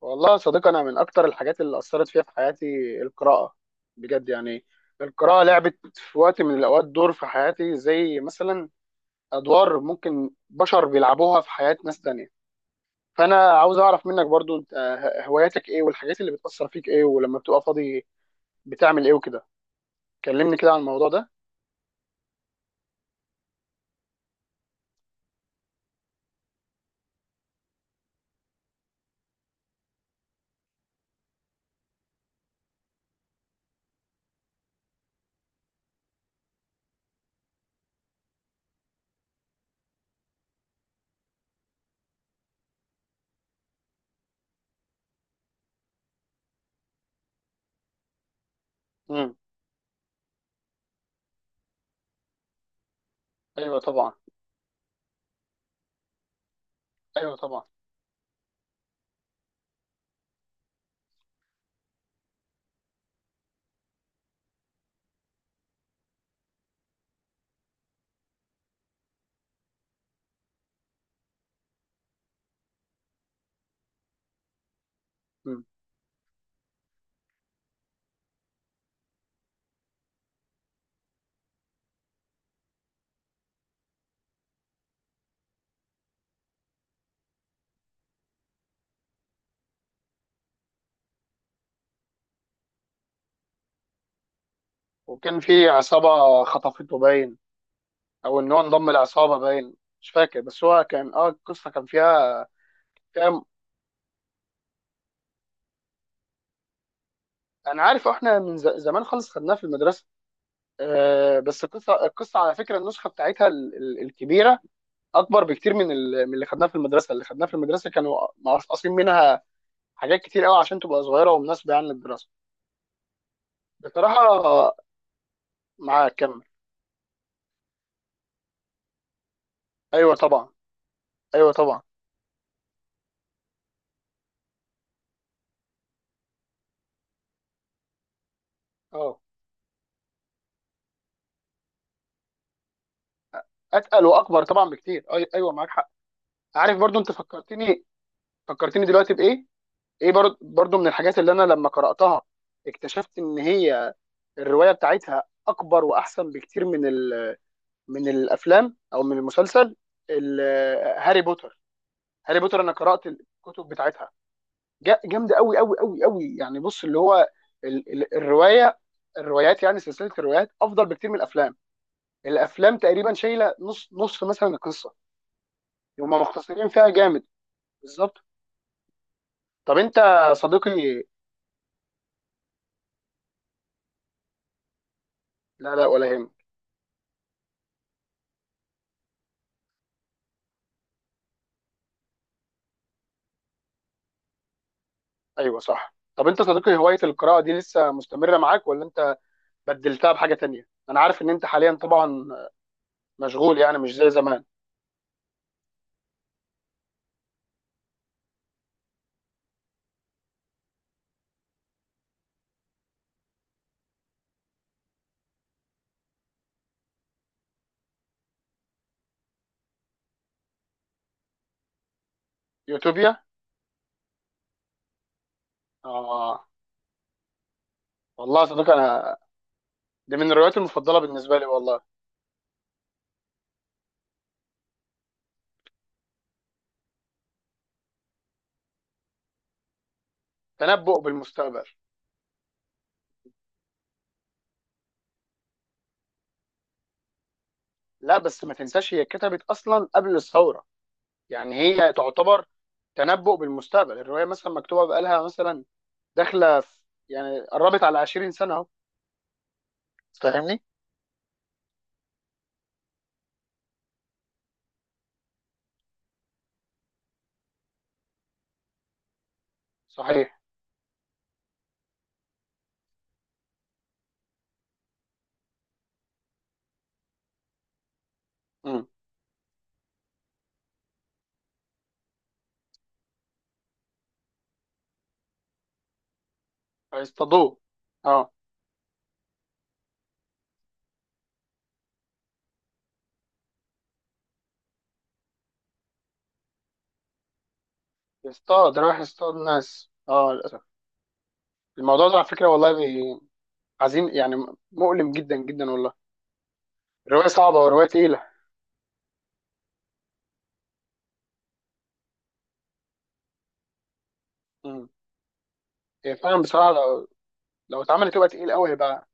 والله يا صديقي انا من اكتر الحاجات اللي اثرت فيها في حياتي القراءه. بجد يعني، القراءه لعبت في وقت من الاوقات دور في حياتي، زي مثلا ادوار ممكن بشر بيلعبوها في حياه ناس تانية. فانا عاوز اعرف منك برضو انت هواياتك ايه، والحاجات اللي بتاثر فيك ايه، ولما بتبقى فاضي بتعمل ايه وكده. كلمني كده عن الموضوع ده. امم ايوه طبعا. ايوه طبعا. امم وكان في عصابه خطفته باين، او ان هو انضم لعصابه باين. مش فاكر، بس هو كان القصه كان فيها، انا عارف احنا من زمان خالص خدناها في المدرسه. أه، بس القصه القصه على فكره، النسخه بتاعتها الكبيره اكبر بكتير من من اللي خدناها في المدرسه. اللي خدناها في المدرسه كانوا مقصقصين منها حاجات كتير قوي عشان تبقى صغيره ومناسبه يعني للدراسه. بصراحه معاك كمل. ايوه طبعا. ايوه طبعا. اه، اتقل واكبر طبعا بكتير. ايوه معاك حق. عارف برضو انت فكرتني، فكرتني دلوقتي بايه؟ ايه برضو، برضو من الحاجات اللي انا لما قراتها اكتشفت ان هي الروايه بتاعتها اكبر واحسن بكتير من من الافلام او من المسلسل، ال- هاري بوتر. هاري بوتر انا قرات الكتب بتاعتها، جامده قوي قوي قوي قوي. يعني بص، اللي هو الروايه، الروايات يعني سلسله الروايات افضل بكتير من الافلام. الافلام تقريبا شايله نص نص مثلا القصه، هم مختصرين فيها جامد. بالظبط. طب انت صديقي، لا لا ولا هم. ايوه صح. طب انت صديقي، هوايه القراءه دي لسه مستمره معاك، ولا انت بدلتها بحاجه تانية؟ انا عارف ان انت حاليا طبعا مشغول يعني، مش زي زمان. يوتوبيا. اه، والله يا صديقي انا دي من الروايات المفضله بالنسبه لي والله. تنبؤ بالمستقبل. لا، بس ما تنساش هي اتكتبت اصلا قبل الثوره، يعني هي تعتبر تنبؤ بالمستقبل. الروايه مثلا مكتوبه بقالها مثلا، داخله في يعني قربت على 20 سنه اهو. فاهمني؟ صحيح. امم. هيصطادوه. اه. يصطاد، رايح يصطاد ناس، اه للاسف. الموضوع ده على فكره والله عظيم يعني، مؤلم جدا جدا والله. الروايه صعبه وروايه تقيله. امم. هي فعلا بصراحه لو اتعمل تبقى تقيل قوي، هيبقى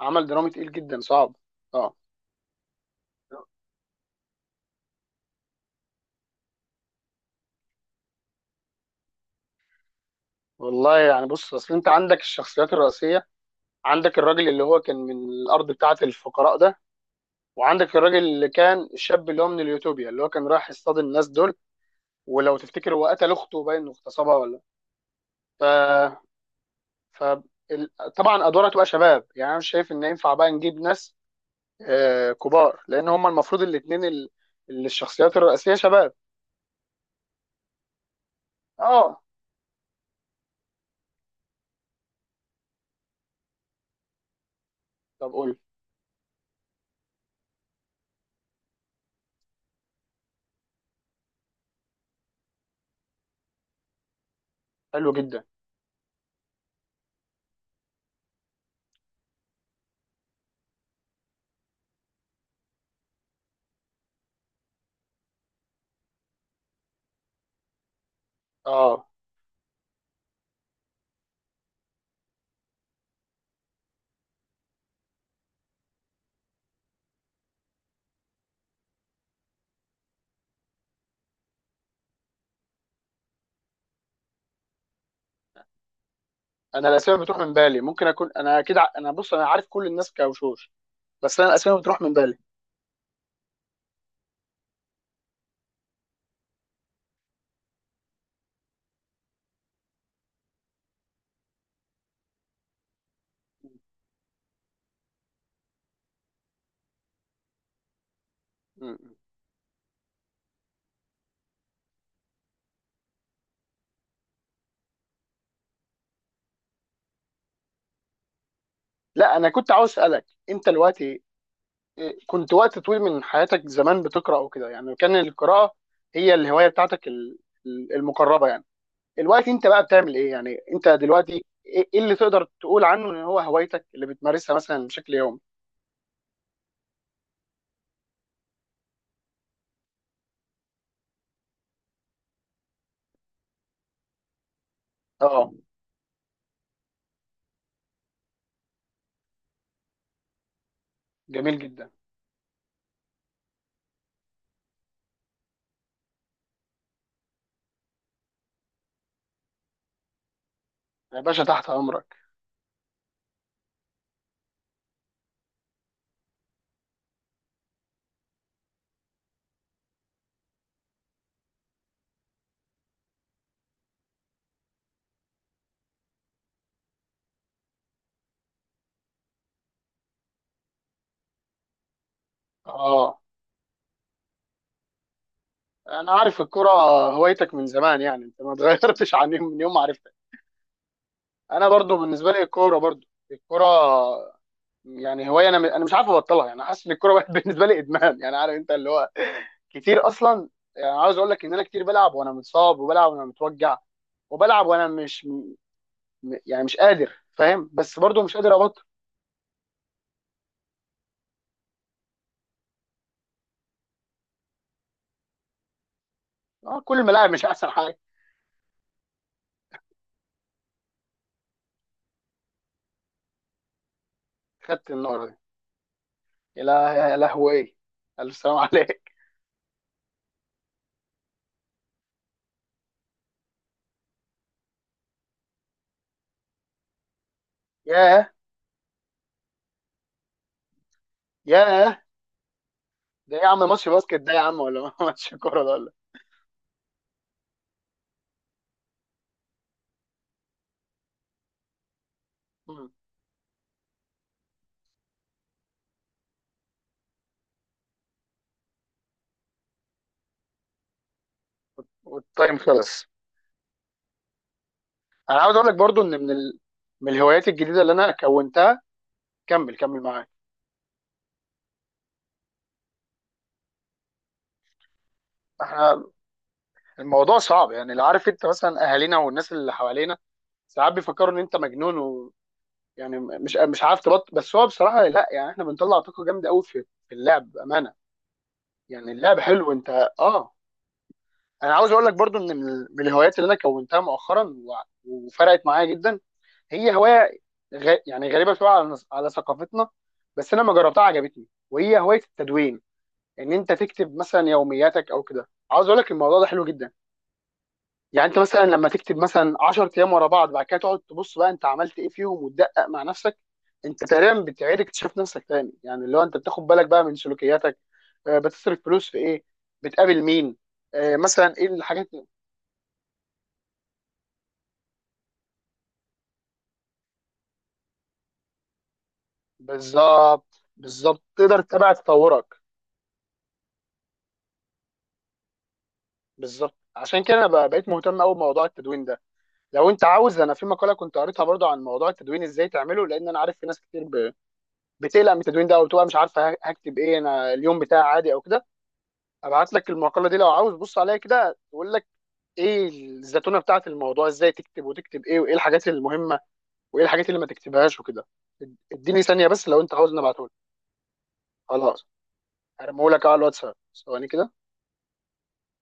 عمل درامي تقيل جدا صعب. اه. والله يعني بص، اصل انت عندك الشخصيات الرئيسيه، عندك الراجل اللي هو كان من الارض بتاعه الفقراء ده، وعندك الراجل اللي كان الشاب اللي هو من اليوتوبيا اللي هو كان رايح يصطاد الناس دول. ولو تفتكر هو قتل اخته باين انه اغتصبها ولا؟ ف، ف، ال- طبعا ادوارها تبقى شباب يعني، انا مش شايف ان ينفع بقى نجيب ناس آه كبار، لان هم المفروض الاثنين اللي الشخصيات الرئيسيه شباب. اه. طب قول. حلو جدا. اه، انا الاسماء بتروح من بالي، ممكن اكون انا اكيد انا بص، انا عارف كل الناس كوشوش، بس انا الاسماء بتروح من بالي. م- م. لا انا كنت عاوز اسالك انت دلوقتي، إيه، كنت وقت طويل من حياتك زمان بتقرا وكده يعني، كان القراءه هي الهوايه بتاعتك المقربه يعني. دلوقتي انت بقى بتعمل ايه يعني؟ انت دلوقتي ايه، إيه اللي تقدر تقول عنه ان هو هوايتك اللي بتمارسها مثلا بشكل يومي؟ اه. جميل جدا. يا باشا تحت امرك. اه انا عارف الكرة هوايتك من زمان يعني، انت ما اتغيرتش عن يوم من يوم ما عرفتها. انا برضو بالنسبه لي الكوره، برضو الكوره يعني هوايه، انا انا مش عارف ابطلها يعني، حاسس ان الكوره بقت بالنسبه لي ادمان يعني، عارف انت اللي هو كتير اصلا. يعني عاوز اقول لك ان انا كتير بلعب وانا متصاب، وبلعب وانا متوجع، وبلعب وانا مش يعني مش قادر، فاهم؟ بس برضو مش قادر ابطل. آه كل ما لاعب مش احسن حاجه. خدت النار دي. يا لهوي ايه! الف سلام عليك. ياه. ياه. ده إيه يا عم، ماتش باسكت ده يا عم ولا ماتش كوره ده ولا؟ مم. والتايم خلص. انا عاوز اقول لك برضو ان من من الهوايات الجديده اللي انا كونتها، كمل كمل معاك. احنا الموضوع صعب يعني، اللي عارف انت مثلا اهالينا والناس اللي حوالينا ساعات بيفكروا ان انت مجنون و... يعني مش مش عارف تبط، بس هو بصراحه لا، يعني احنا بنطلع طاقه جامده قوي في في اللعب بامانه، يعني اللعب حلو انت. اه. انا عاوز اقول لك برضو ان من من الهوايات اللي انا كونتها مؤخرا و... وفرقت معايا جدا، هي هوايه يعني غريبه شويه على على ثقافتنا، بس انا لما جربتها عجبتني، وهي هوايه التدوين. ان انت تكتب مثلا يومياتك او كده. عاوز اقول لك الموضوع ده حلو جدا، يعني انت مثلا لما تكتب مثلا 10 ايام ورا بعض، بعد كده تقعد تبص بقى انت عملت ايه فيهم وتدقق مع نفسك، انت تقريبا بتعيد اكتشاف نفسك تاني. يعني اللي هو انت بتاخد بالك بقى من سلوكياتك، بتصرف فلوس في ايه، بتقابل مين، مثلا ايه الحاجات. بالظبط، بالظبط، تقدر تتابع تطورك. بالظبط، عشان كده انا بقيت مهتم قوي بموضوع التدوين ده. لو انت عاوز، انا في مقاله كنت قريتها برضو عن موضوع التدوين ازاي تعمله، لان انا عارف في ناس كتير بتقلق من التدوين ده او بتبقى مش عارفه هكتب ايه، انا اليوم بتاعي عادي او كده. ابعت لك المقاله دي لو عاوز، بص عليها كده، تقول لك ايه الزتونه بتاعت الموضوع، ازاي تكتب وتكتب ايه، وايه الحاجات المهمه، وايه الحاجات اللي ما تكتبهاش وكده. اديني ثانيه بس لو انت عاوز نبعته لك. خلاص، هرميه لك على الواتساب، ثواني كده.